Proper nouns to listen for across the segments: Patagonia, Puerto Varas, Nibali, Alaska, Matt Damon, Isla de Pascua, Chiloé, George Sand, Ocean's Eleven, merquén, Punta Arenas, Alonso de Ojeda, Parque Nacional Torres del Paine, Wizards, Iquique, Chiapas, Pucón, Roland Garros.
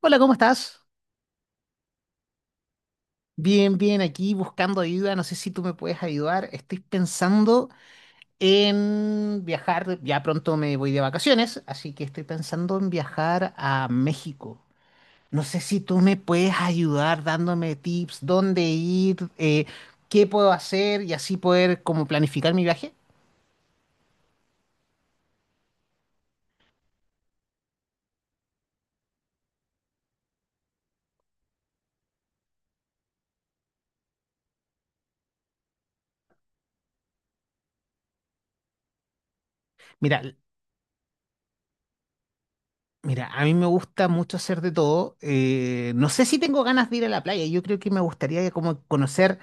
Hola, ¿cómo estás? Bien, bien, aquí buscando ayuda. No sé si tú me puedes ayudar. Estoy pensando en viajar. Ya pronto me voy de vacaciones, así que estoy pensando en viajar a México. No sé si tú me puedes ayudar dándome tips, dónde ir, qué puedo hacer y así poder como planificar mi viaje. Mira, l- mira, a mí me gusta mucho hacer de todo. No sé si tengo ganas de ir a la playa. Yo creo que me gustaría como conocer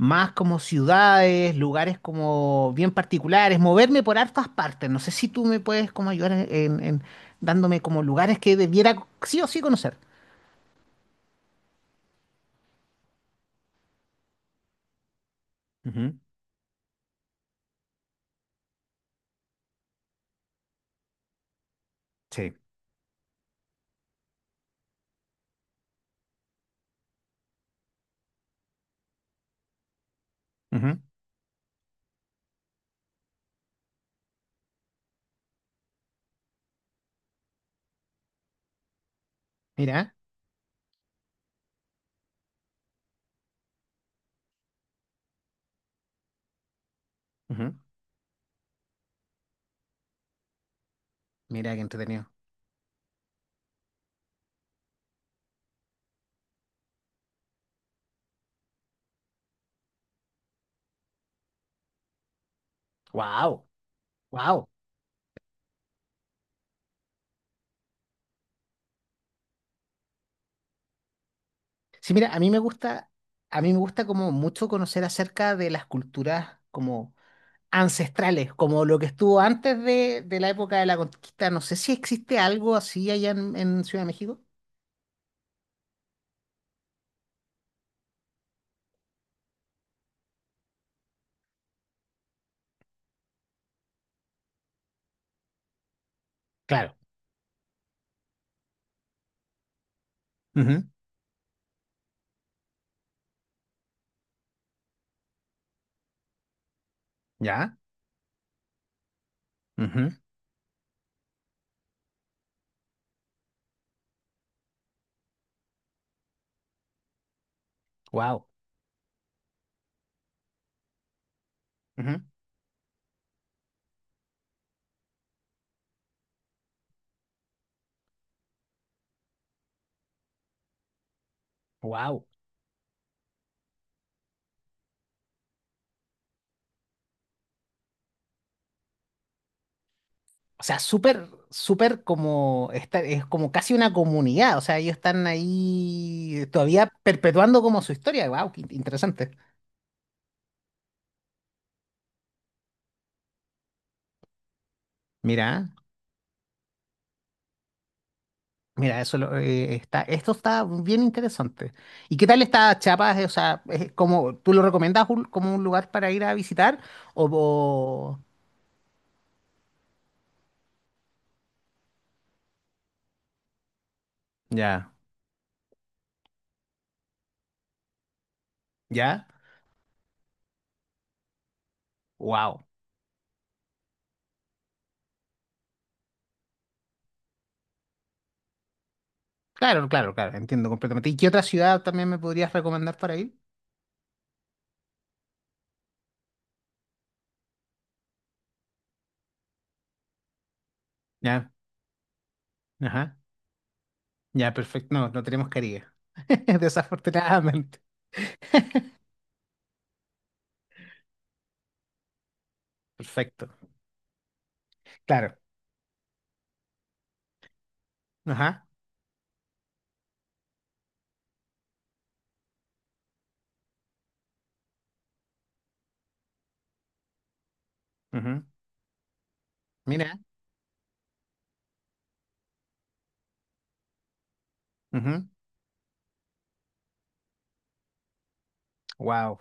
más como ciudades, lugares como bien particulares, moverme por hartas partes. No sé si tú me puedes como ayudar en dándome como lugares que debiera sí o sí conocer. Ujú. Sí. Ujú. Mira. Ujú. Mira qué entretenido. Wow. Wow. Sí, mira, a mí me gusta como mucho conocer acerca de las culturas como ancestrales, como lo que estuvo antes de la época de la conquista. No sé si existe algo así allá en Ciudad de México. Claro. Ujú. ¿Ya? Wow. Wow. O sea, súper, súper como, es como casi una comunidad. O sea, ellos están ahí todavía perpetuando como su historia. Wow, qué interesante. Mira, mira, esto está bien interesante. ¿Y qué tal está Chiapas? O sea, es como, ¿tú lo recomiendas como un lugar para ir a visitar? O, o- ya, ya. Wow. Claro, claro, claro, entiendo completamente. ¿Y qué otra ciudad también me podrías recomendar para ir? Ya, ajá. Ya, perfecto. No, no tenemos caries. Desafortunadamente. Perfecto. Claro. Ajá. Ujú. Mira. Ujú. Wow.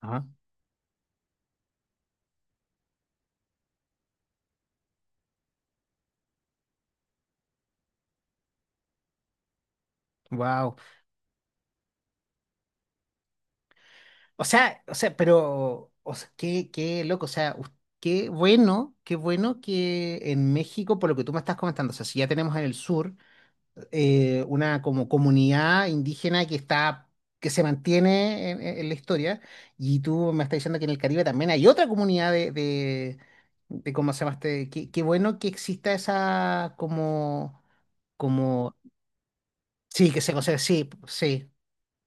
Ajá. Wow. O sea, pero, o sea, qué loco. O sea, qué bueno que en México, por lo que tú me estás comentando, o sea, si ya tenemos en el sur. Una como comunidad indígena que está, que se mantiene en la historia. Y tú me estás diciendo que en el Caribe también hay otra comunidad de ¿cómo se llama este? Qué bueno que exista esa como, sí, que se conserve, sí, sí.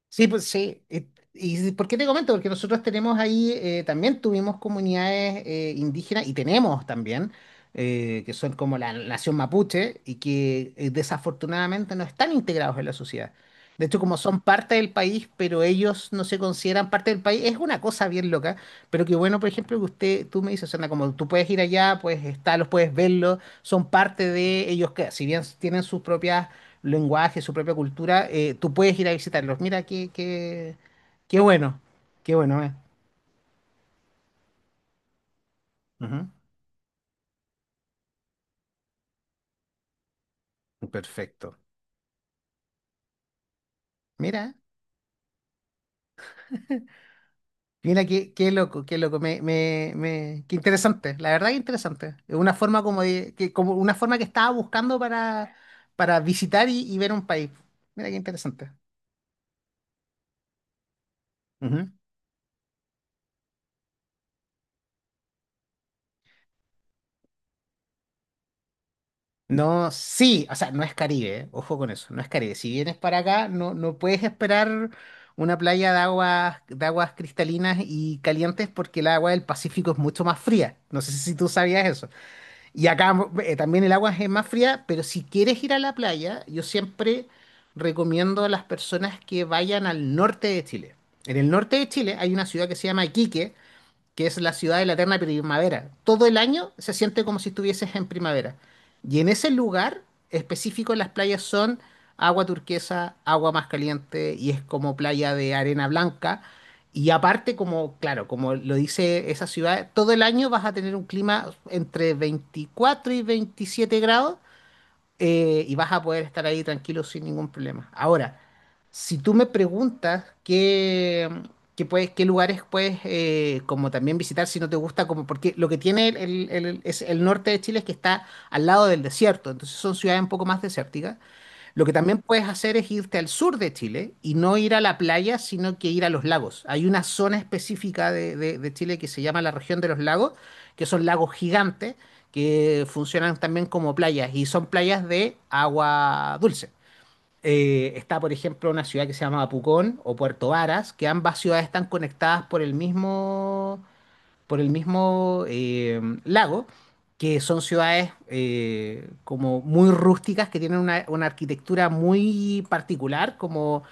Sí, pues sí. ¿Y por qué te comento? Porque nosotros tenemos ahí, también tuvimos comunidades indígenas y tenemos también, que son como la nación mapuche y que desafortunadamente no están integrados en la sociedad. De hecho, como son parte del país, pero ellos no se consideran parte del país, es una cosa bien loca, pero que bueno, por ejemplo, que usted, tú me dices, Sandra, como tú puedes ir allá, puedes estarlos, puedes verlos, son parte de ellos, que si bien tienen sus propias lenguaje, su propia cultura, tú puedes ir a visitarlos. Mira, qué bueno, qué bueno. Ujú. Perfecto. Mira, mira qué loco, qué loco, qué interesante, la verdad que interesante. Es una forma como como una forma que estaba buscando para, visitar y ver un país. Mira qué interesante. No, sí, o sea, no es Caribe, ¿eh? Ojo con eso, no es Caribe. Si vienes para acá, no puedes esperar una playa de aguas, cristalinas y calientes porque el agua del Pacífico es mucho más fría. No sé si tú sabías eso. Y acá también el agua es más fría, pero si quieres ir a la playa, yo siempre recomiendo a las personas que vayan al norte de Chile. En el norte de Chile hay una ciudad que se llama Iquique, que es la ciudad de la eterna primavera. Todo el año se siente como si estuvieses en primavera. Y en ese lugar específico las playas son agua turquesa, agua más caliente y es como playa de arena blanca. Y aparte, como, claro, como lo dice esa ciudad, todo el año vas a tener un clima entre 24 y 27 grados y vas a poder estar ahí tranquilo sin ningún problema. Ahora, si tú me preguntas qué lugares puedes como también visitar si no te gusta, como porque lo que tiene es el norte de Chile es que está al lado del desierto, entonces son ciudades un poco más desérticas. Lo que también puedes hacer es irte al sur de Chile y no ir a la playa, sino que ir a los lagos. Hay una zona específica de Chile que se llama la región de los lagos, que son lagos gigantes que funcionan también como playas y son playas de agua dulce. Está, por ejemplo, una ciudad que se llama Pucón o Puerto Varas, que ambas ciudades están conectadas por el mismo lago, que son ciudades como muy rústicas, que tienen una arquitectura muy particular, como,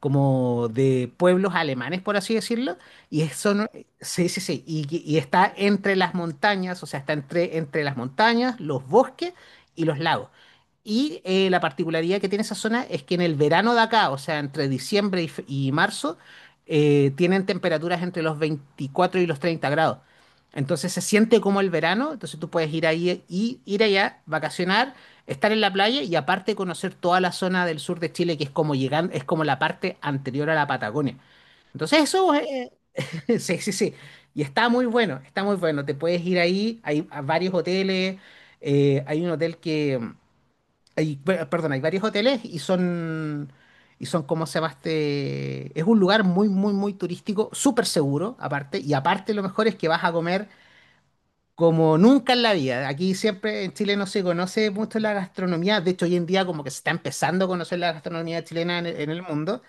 de pueblos alemanes, por así decirlo. Y eso son, sí, sí, sí, y está entre las montañas, o sea, está entre las montañas, los bosques y los lagos. Y la particularidad que tiene esa zona es que en el verano de acá, o sea, entre diciembre y marzo, tienen temperaturas entre los 24 y los 30 grados. Entonces se siente como el verano, entonces tú puedes ir ahí y ir allá, vacacionar, estar en la playa y aparte conocer toda la zona del sur de Chile que es como llegando, es como la parte anterior a la Patagonia. Entonces eso sí, sí, sí. Y está muy bueno, está muy bueno. Te puedes ir ahí, hay a varios hoteles, hay un hotel que hay, per- perdón, hay varios hoteles y son como se llama este, es un lugar muy muy muy turístico, súper seguro aparte y aparte lo mejor es que vas a comer como nunca en la vida. Aquí siempre en Chile no se conoce mucho la gastronomía. De hecho, hoy en día como que se está empezando a conocer la gastronomía chilena en el mundo.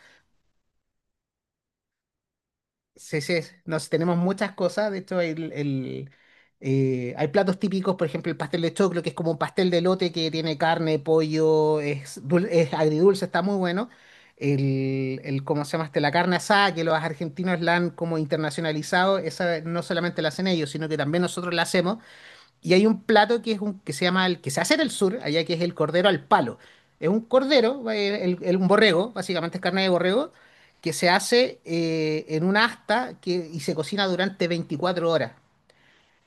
Sí, sí, nos tenemos muchas cosas. De hecho, hay platos típicos, por ejemplo, el pastel de choclo, que es como un pastel de lote que tiene carne, pollo, es agridulce, está muy bueno. ¿Cómo se llama este? La carne asada, que los argentinos la han como internacionalizado, esa no solamente la hacen ellos, sino que también nosotros la hacemos. Y hay un plato que es un que se llama el que se hace en el sur, allá que es el cordero al palo. Es un cordero, un borrego, básicamente es carne de borrego, que se hace en una asta y se cocina durante 24 horas.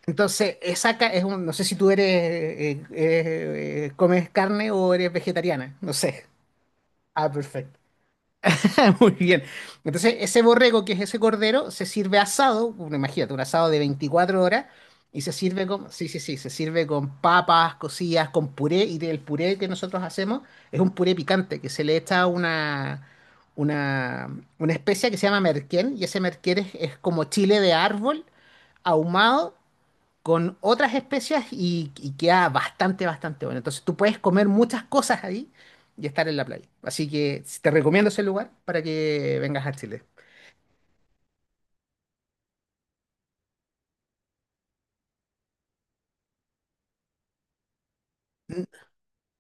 Entonces, esa ca- es un, no sé si tú eres comes carne o eres vegetariana, no sé. Ah, perfecto. Muy bien. Entonces, ese borrego, que es ese cordero, se sirve asado, bueno, imagínate, un asado de 24 horas, y sí, sí, sí, se sirve con papas cocidas, con puré, y el puré que nosotros hacemos es un puré picante, que se le echa una, una especia que se llama merquén, y ese merquén es como chile de árbol ahumado con otras especias y queda bastante, bastante bueno. Entonces tú puedes comer muchas cosas ahí y estar en la playa. Así que si te recomiendo ese lugar para que vengas a Chile.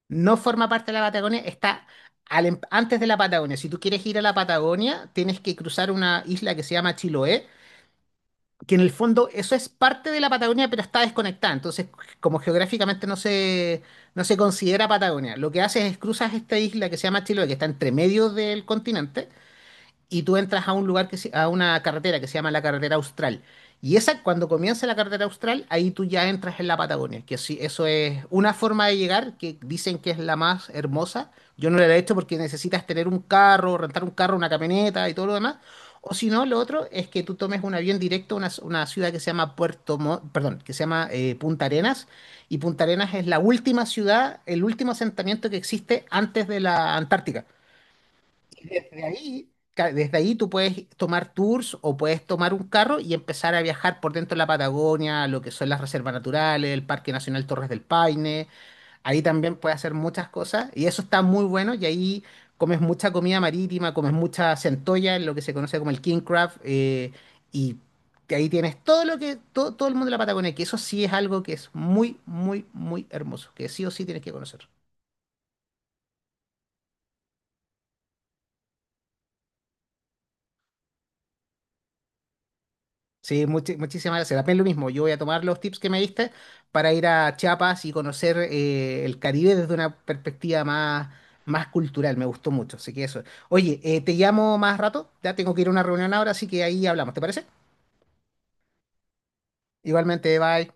No forma parte de la Patagonia, está antes de la Patagonia. Si tú quieres ir a la Patagonia, tienes que cruzar una isla que se llama Chiloé, que en el fondo eso es parte de la Patagonia, pero está desconectada. Entonces, como geográficamente no se considera Patagonia, lo que haces es cruzas esta isla que se llama Chiloé, que está entre medio del continente y tú entras a un lugar a una carretera que se llama la carretera Austral. Y esa, cuando comienza la carretera Austral, ahí tú ya entras en la Patagonia, que sí, eso es una forma de llegar que dicen que es la más hermosa. Yo no la he hecho porque necesitas tener un carro, rentar un carro, una camioneta y todo lo demás. O si no, lo otro es que tú tomes un avión directo a una ciudad que se llama perdón, que se llama Punta Arenas. Y Punta Arenas es la última ciudad, el último asentamiento que existe antes de la Antártica. Y desde ahí tú puedes tomar tours o puedes tomar un carro y empezar a viajar por dentro de la Patagonia, lo que son las reservas naturales, el Parque Nacional Torres del Paine. Ahí también puedes hacer muchas cosas y eso está muy bueno y ahí comes mucha comida marítima, comes mucha centolla, lo que se conoce como el king crab y que ahí tienes todo lo que todo, todo el mundo de la Patagonia, que eso sí es algo que es muy, muy, muy hermoso, que sí o sí tienes que conocer. Sí, muchísimas gracias. La pena lo mismo. Yo voy a tomar los tips que me diste para ir a Chiapas y conocer el Caribe desde una perspectiva más cultural. Me gustó mucho. Así que eso. Oye, te llamo más rato. Ya tengo que ir a una reunión ahora, así que ahí hablamos. ¿Te parece? Igualmente, bye.